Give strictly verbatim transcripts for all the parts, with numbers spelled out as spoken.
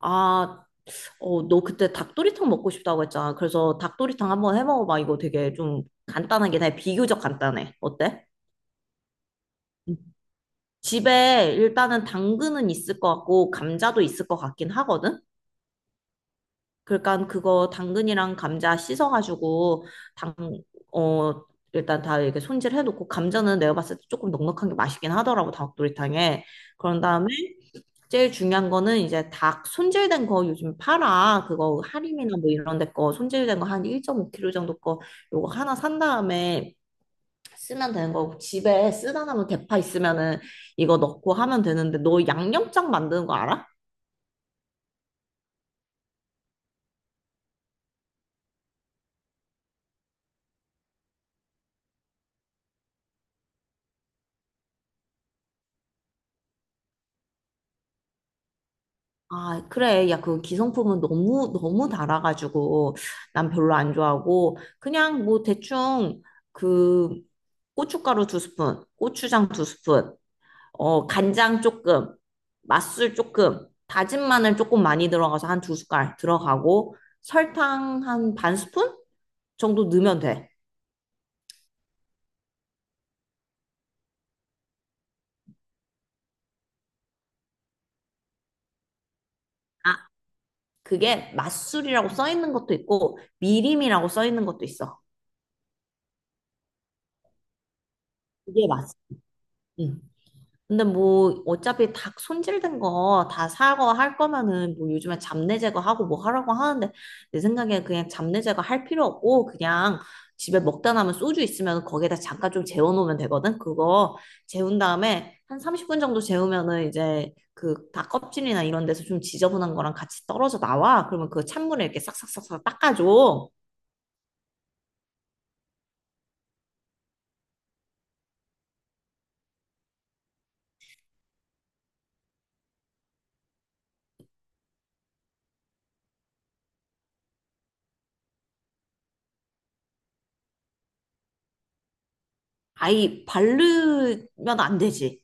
아, 어, 너 그때 닭도리탕 먹고 싶다고 했잖아. 그래서 닭도리탕 한번 해 먹어봐. 이거 되게 좀 간단하긴 해. 비교적 간단해. 어때? 음. 집에 일단은 당근은 있을 것 같고 감자도 있을 것 같긴 하거든. 그러니까 그거 당근이랑 감자 씻어가지고 당, 어, 일단 다 이렇게 손질해놓고 감자는 내가 봤을 때 조금 넉넉한 게 맛있긴 하더라고, 닭도리탕에. 그런 다음에 제일 중요한 거는 이제 닭 손질된 거 요즘 팔아. 그거 할인이나 뭐 이런 데 거 손질된 거 한 일 점 오 킬로그램 정도 거 요거 하나 산 다음에 쓰면 되는 거고, 집에 쓰다 남은 대파 있으면은 이거 넣고 하면 되는데, 너 양념장 만드는 거 알아? 아, 그래. 야, 그 기성품은 너무 너무 달아가지고 난 별로 안 좋아하고 그냥 뭐 대충 그 고춧가루 두 스푼, 고추장 두 스푼, 어, 간장 조금, 맛술 조금, 다진 마늘 조금 많이 들어가서 한 두 숟갈 들어가고 설탕 한 반 스푼 정도 넣으면 돼. 아, 그게 맛술이라고 써 있는 것도 있고 미림이라고 써 있는 것도 있어. 이게 맛. 응. 근데 뭐 어차피 닭 손질된 거 다 사고 할 거면은 뭐 요즘에 잡내 제거하고 뭐 하라고 하는데 내 생각에 그냥 잡내 제거할 필요 없고, 그냥 집에 먹다 남은 소주 있으면 거기에다 잠깐 좀 재워놓으면 되거든. 그거 재운 다음에 한 삼십 분 정도 재우면은 이제 그 닭 껍질이나 이런 데서 좀 지저분한 거랑 같이 떨어져 나와. 그러면 그 찬물에 이렇게 싹싹싹싹 닦아줘. 아이, 바르면 안 되지.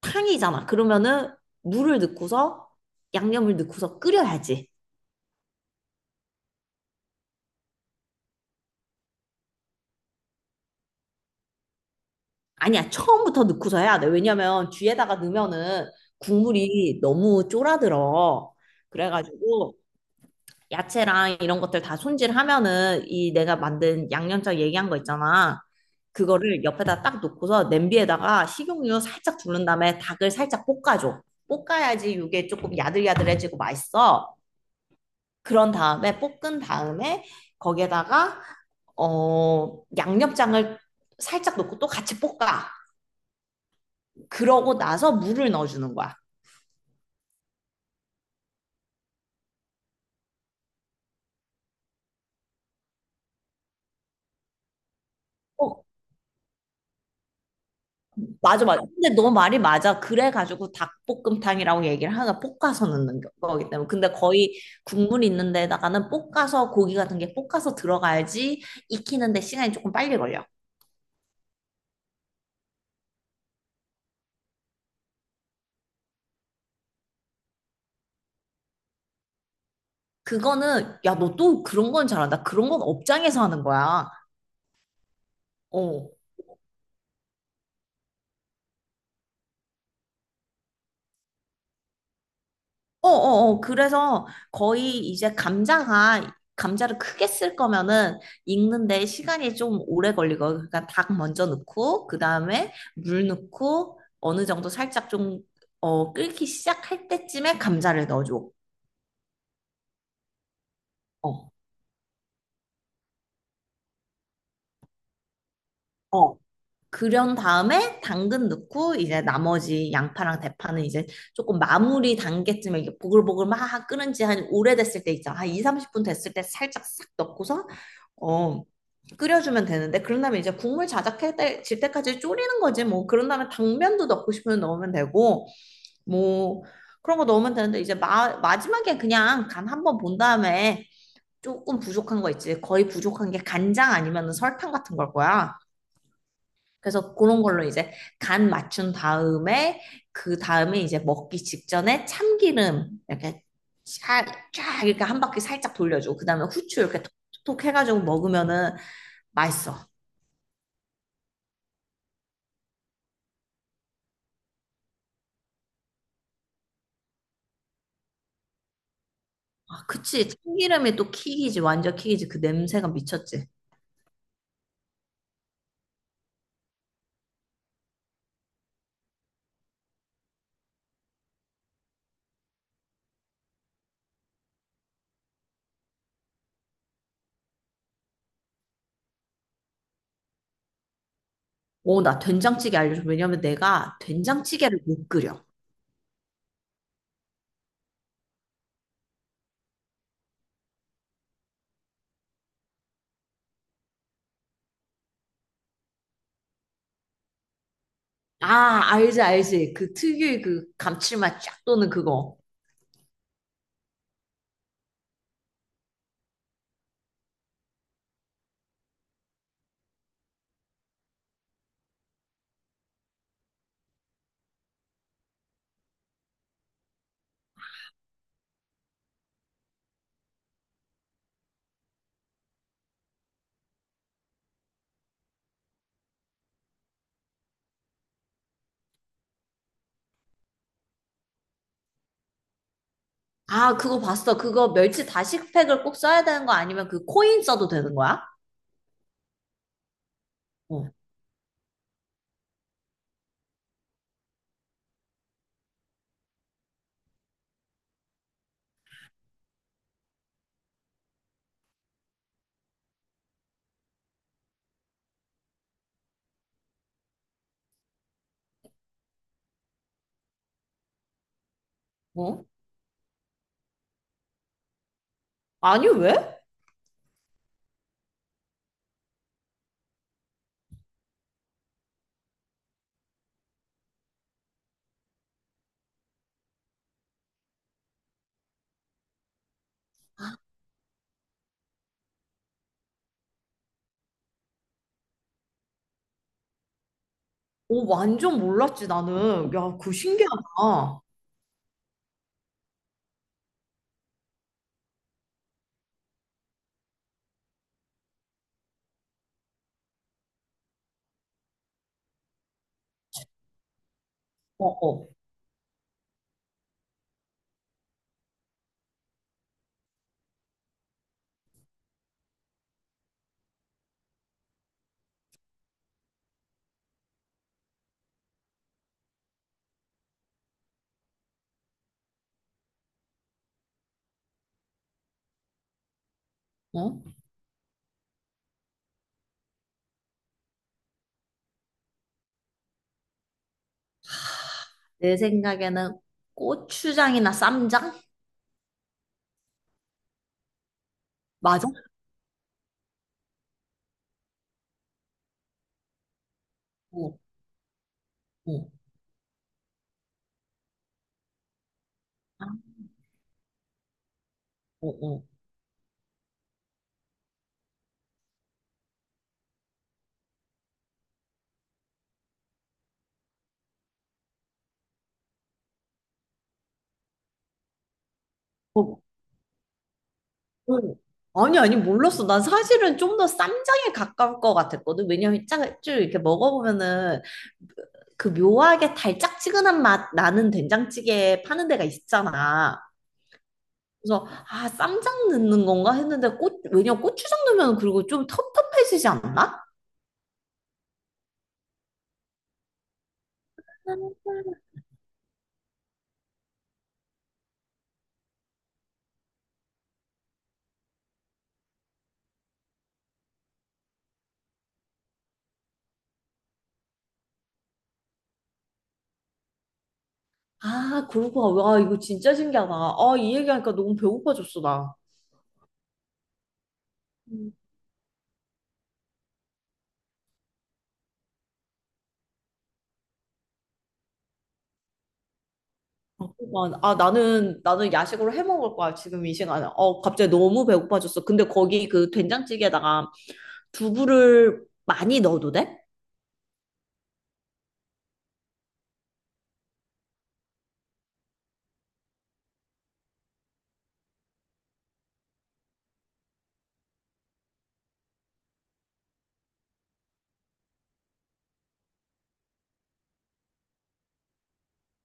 탕이잖아. 그러면은 물을 넣고서 양념을 넣고서 끓여야지. 아니야, 처음부터 넣고서 해야 돼. 왜냐면 뒤에다가 넣으면은 국물이 너무 쫄아들어. 그래가지고 야채랑 이런 것들 다 손질하면은 이 내가 만든 양념장 얘기한 거 있잖아. 그거를 옆에다 딱 놓고서 냄비에다가 식용유 살짝 두른 다음에 닭을 살짝 볶아줘. 볶아야지 이게 조금 야들야들해지고 맛있어. 그런 다음에 볶은 다음에 거기에다가 어, 양념장을 살짝 넣고 또 같이 볶아. 그러고 나서 물을 넣어주는 거야. 어, 맞아, 맞아. 근데 너 말이 맞아. 그래가지고 닭볶음탕이라고 얘기를 하나, 볶아서 넣는 거- 거기 때문에. 근데 거의 국물 있는 데다가는 볶아서, 고기 같은 게 볶아서 들어가야지 익히는데 시간이 조금 빨리 걸려. 그거는, 야, 너 또 그런 건 잘한다. 그런 건 업장에서 하는 거야. 어. 어어어 그래서 거의 이제 감자가, 감자를 크게 쓸 거면은 익는데 시간이 좀 오래 걸리고 그러니까 닭 먼저 넣고 그다음에 물 넣고 어느 정도 살짝 좀 어, 끓기 시작할 때쯤에 감자를 넣어줘. 어, 어. 그런 다음에 당근 넣고 이제 나머지 양파랑 대파는 이제 조금 마무리 단계쯤에 이게 보글보글 막 끓은 지 한 오래됐을 때 있잖아. 한 이, 삼십 분 됐을 때 살짝 싹 넣고서 어, 끓여주면 되는데, 그런 다음에 이제 국물 자작해 때- 질 때까지 졸이는 거지 뭐. 그런 다음에 당면도 넣고 싶으면 넣으면 되고 뭐 그런 거 넣으면 되는데, 이제 마, 마지막에 그냥 간 한번 본 다음에 조금 부족한 거 있지. 거의 부족한 게 간장 아니면 설탕 같은 걸 거야. 그래서 그런 걸로 이제 간 맞춘 다음에, 그 다음에 이제 먹기 직전에 참기름 이렇게 샤- 쫙 이렇게 한 바퀴 살짝 돌려주고, 그 다음에 후추 이렇게 톡톡 해가지고 먹으면은 맛있어. 아, 그치. 참기름이 또 킥이지. 완전 킥이지. 그 냄새가 미쳤지. 오, 나 된장찌개 알려줘. 왜냐면 내가 된장찌개를 못 끓여. 아, 알지, 알지. 그 특유의 그 감칠맛 쫙 도는 그거. 아, 그거 봤어. 그거 멸치 다시팩을 꼭 써야 되는 거 아니면 그 코인 써도 되는 거야? 어, 어? 아니, 왜? 오, 완전 몰랐지, 나는. 야, 그거 신기하다. 어, 어, 어? 내 생각에는 고추장이나 쌈장? 맞아? 어, 어, 아, 어, 어. 어, 응. 아니, 아니, 몰랐어. 난 사실은 좀 더 쌈장에 가까울 것 같았거든. 왜냐면 짜, 쭉 이렇게 먹어보면은 그 묘하게 달짝지근한 맛 나는 된장찌개 파는 데가 있잖아. 그래서, 아, 쌈장 넣는 건가 했는데, 꽃, 왜냐면 고추장 넣으면 그리고 좀 텁텁해지지 않나? 아, 그러고, 와, 이거 진짜 신기하다. 아, 이 얘기하니까 너무 배고파졌어, 나. 아, 그만. 아, 나는, 나는 야식으로 해 먹을 거야, 지금 이 시간에. 어, 갑자기 너무 배고파졌어. 근데 거기 그 된장찌개에다가 두부를 많이 넣어도 돼?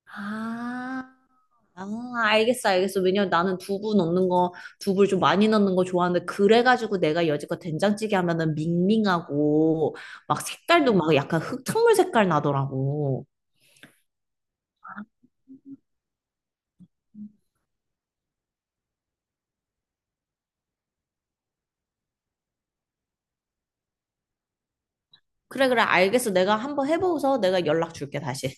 아, 아, 알겠어, 알겠어. 왜냐면 나는 두부 넣는 거, 두부를 좀 많이 넣는 거 좋아하는데, 그래가지고 내가 여지껏 된장찌개 하면은 밍밍하고, 막 색깔도 막 약간 흙탕물 색깔 나더라고. 그래, 그래, 알겠어. 내가 한번 해보고서 내가 연락 줄게, 다시.